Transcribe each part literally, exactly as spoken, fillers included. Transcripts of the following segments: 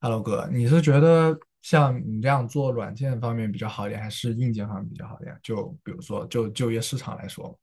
Hello 哥，你是觉得像你这样做软件方面比较好一点，还是硬件方面比较好一点？就比如说，就就业市场来说，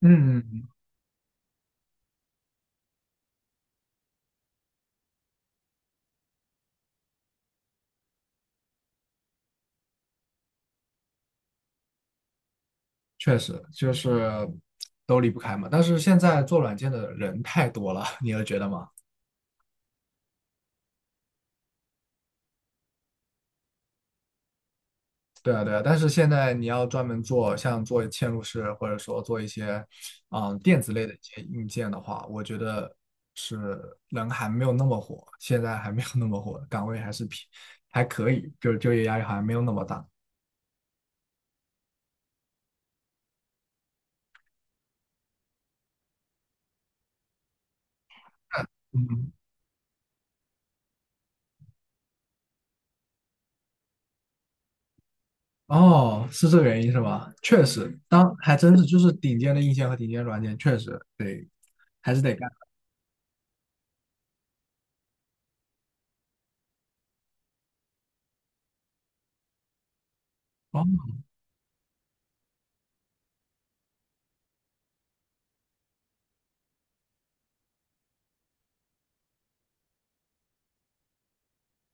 嗯，嗯确实就是都离不开嘛。但是现在做软件的人太多了，你有觉得吗？对啊，对啊。但是现在你要专门做像做嵌入式，或者说做一些嗯电子类的一些硬件的话，我觉得是人还没有那么火，现在还没有那么火，岗位还是偏还可以，就是就业压力好像没有那么大。嗯。哦，是这个原因是吧？确实，当还真是就是顶尖的硬件和顶尖软件，确实得还是得干。哦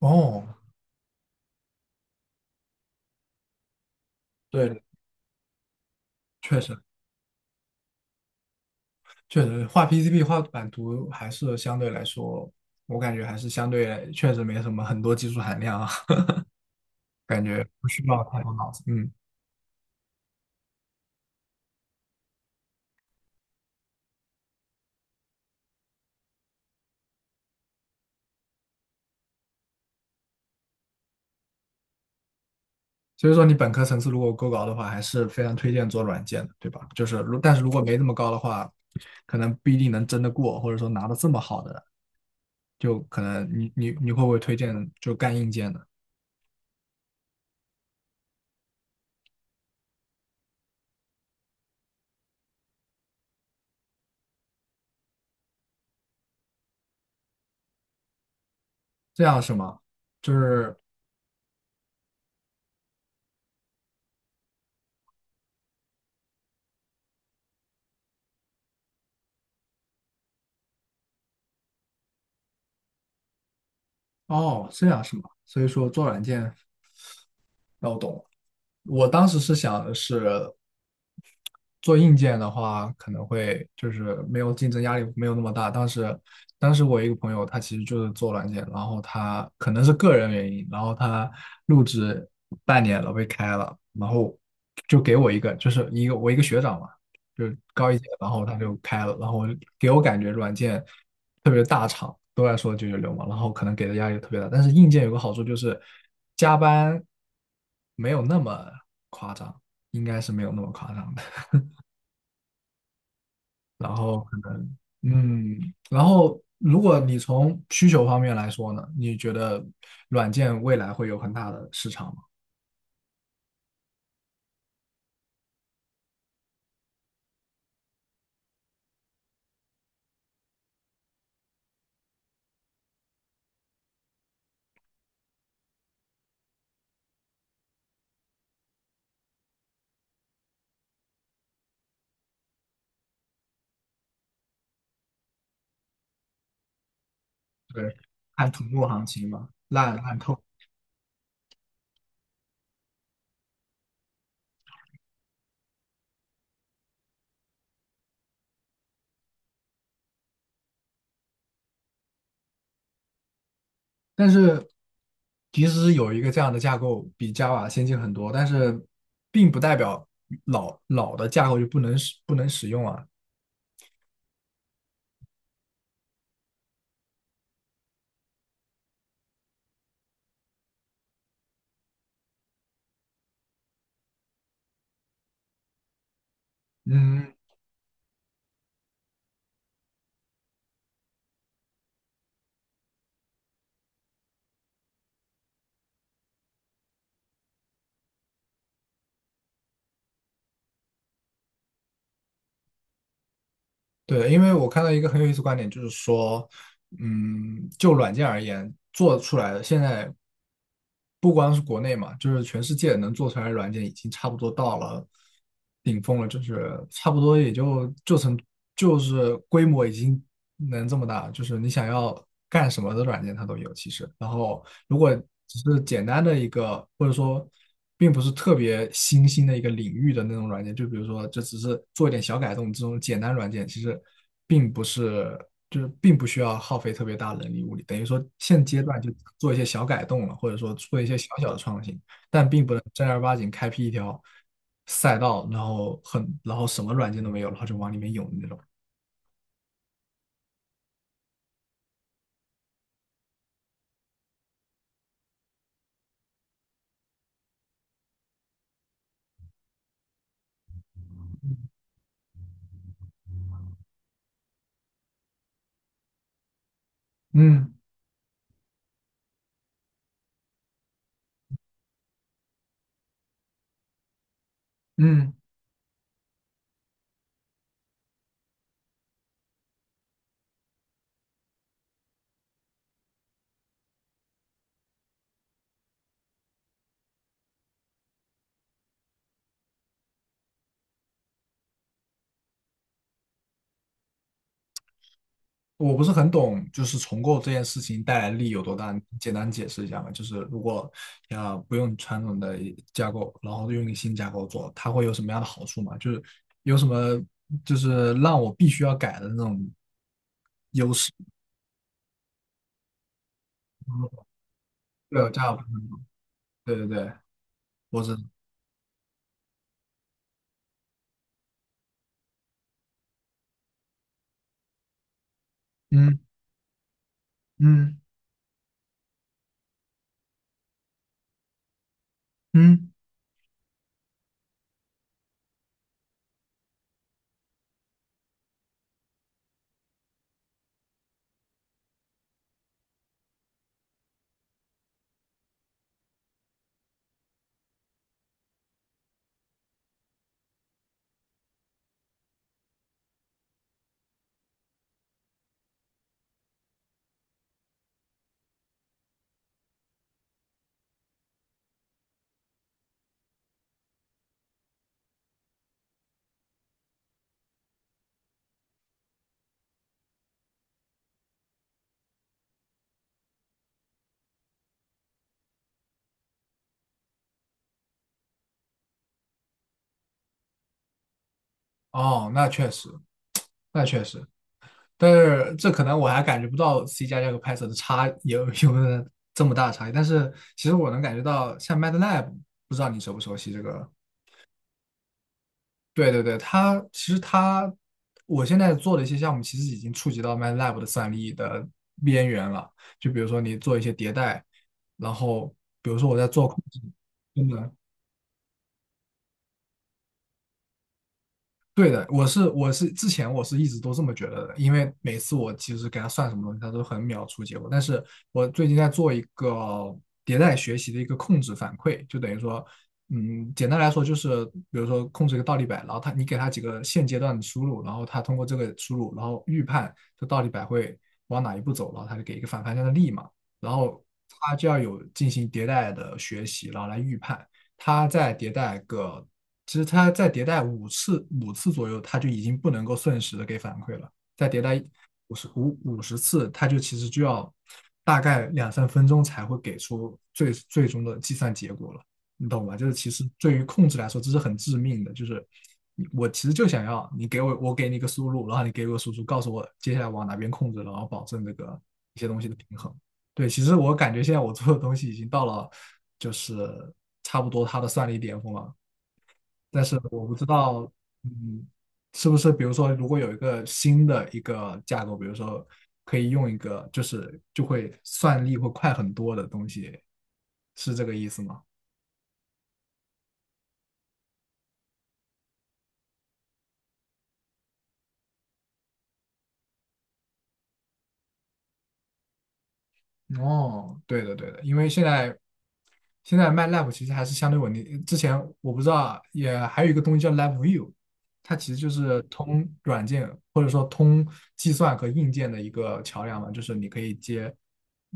哦，对，确实确实画 P C B 画版图还是相对来说，我感觉还是相对确实没什么很多技术含量啊，感觉不需要太多脑子。嗯，所以说你本科层次如果够高的话，还是非常推荐做软件的，对吧？就是如但是如果没那么高的话，可能不一定能争得过，或者说拿到这么好的。就可能你你你会不会推荐就干硬件的？这样是吗？就是哦，这样是吗？所以说做软件那我懂了。我当时是想的是，做硬件的话，可能会就是没有竞争压力没有那么大。当时，当时我一个朋友，他其实就是做软件，然后他可能是个人原因，然后他入职半年了被开了，然后就给我一个，就是一个我一个学长嘛，就是高一届，然后他就开了，然后给我感觉软件。特别大厂都在说九九六嘛，然后可能给的压力特别大。但是硬件有个好处就是加班没有那么夸张，应该是没有那么夸张的。然后可能嗯，然后如果你从需求方面来说呢，你觉得软件未来会有很大的市场吗？对，看土木行情嘛，烂烂透。但是即使有一个这样的架构比 Java 先进很多，但是并不代表老老的架构就不能使不能使用啊。嗯，对，因为我看到一个很有意思的观点，就是说，嗯，就软件而言，做出来的现在不光是国内嘛，就是全世界能做出来的软件已经差不多到了顶峰了，就是差不多也就就成就是规模已经能这么大，就是你想要干什么的软件它都有其实。然后如果只是简单的一个，或者说并不是特别新兴的一个领域的那种软件，就比如说这只是做一点小改动，这种简单软件其实并不是，就是并不需要耗费特别大的人力物力，等于说现阶段就做一些小改动了，或者说做一些小小的创新，但并不能正儿八经开辟一条赛道，然后很，然后什么软件都没有，然后就往里面涌的那种。嗯嗯。我不是很懂，就是重构这件事情带来利有多大，你简单解释一下嘛？就是如果要不用传统的架构，然后用一个新架构做，它会有什么样的好处嘛？就是有什么就是让我必须要改的那种对有架构？对对对，我知道嗯嗯嗯，哦，那确实，那确实，但是这可能我还感觉不到 C 加加和 Python 的差有有没有这么大的差异，但是其实我能感觉到，像 MATLAB，不知道你熟不熟悉这个。对对对，它其实它，我现在做的一些项目其实已经触及到 MATLAB 的算力的边缘了。就比如说你做一些迭代，然后比如说我在做控制，真的对的，我是我是之前我是一直都这么觉得的，因为每次我其实给他算什么东西，他都很秒出结果。但是我最近在做一个迭代学习的一个控制反馈，就等于说，嗯，简单来说就是，比如说控制一个倒立摆，然后他你给他几个现阶段的输入，然后他通过这个输入，然后预判这倒立摆会往哪一步走，然后他就给一个反方向的力嘛，然后他就要有进行迭代的学习，然后来预判。它再迭代个，其实它再迭代五次五次左右，它就已经不能够瞬时的给反馈了。再迭代五十五五十次，它就其实就要大概两三分钟才会给出最最终的计算结果了，你懂吧？就是其实对于控制来说，这是很致命的，就是我其实就想要你给我，我给你一个输入，然后你给我输出，告诉我接下来往哪边控制，然后保证这个一些东西的平衡。对，其实我感觉现在我做的东西已经到了，就是差不多它的算力巅峰了。但是我不知道，嗯，是不是比如说，如果有一个新的一个架构，比如说可以用一个，就是就会算力会快很多的东西，是这个意思吗？哦，对的对的，因为现在现在卖 l a b 其实还是相对稳定。之前我不知道啊，也还有一个东西叫 l a b View，它其实就是通软件或者说通计算和硬件的一个桥梁嘛，就是你可以接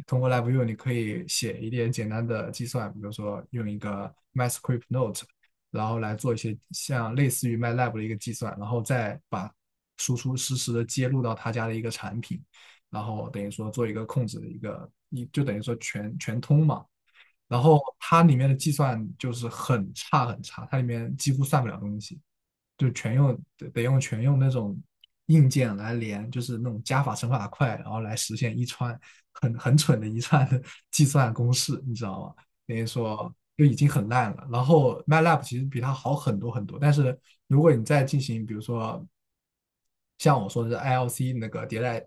通过 l a b View，你可以写一点简单的计算，比如说用一个 MyScript Note，然后来做一些像类似于 MATLAB 的一个计算，然后再把输出实时的接入到他家的一个产品。然后等于说做一个控制的一个，一就等于说全全通嘛。然后它里面的计算就是很差很差，它里面几乎算不了东西，就全用得得用全用那种硬件来连，就是那种加法乘法块，然后来实现一串很很蠢的一串的 计算公式，你知道吗？等于说就已经很烂了。然后 MATLAB 其实比它好很多很多，但是如果你再进行，比如说像我说的是 I L C 那个迭代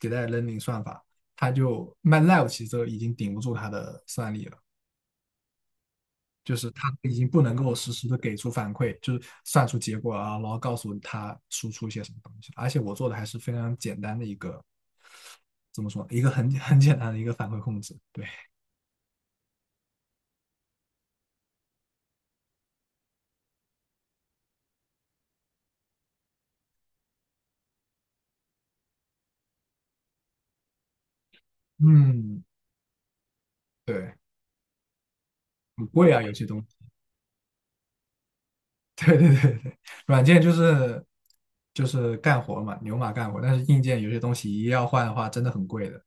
迭代 learning 算法，它就 MATLAB 其实都已经顶不住它的算力了。就是他已经不能够实时的给出反馈，就是算出结果啊，然后告诉他输出一些什么东西。而且我做的还是非常简单的一个，怎么说，一个很很简单的一个反馈控制。对，嗯，对，很贵啊，有些东西。对对对对，软件就是就是干活嘛，牛马干活，但是硬件有些东西一要换的话，真的很贵的。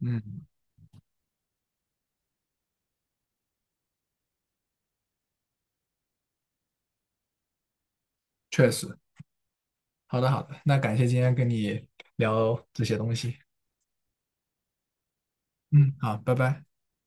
嗯，确实。好的好的，那感谢今天跟你聊这些东西。嗯，好，拜拜。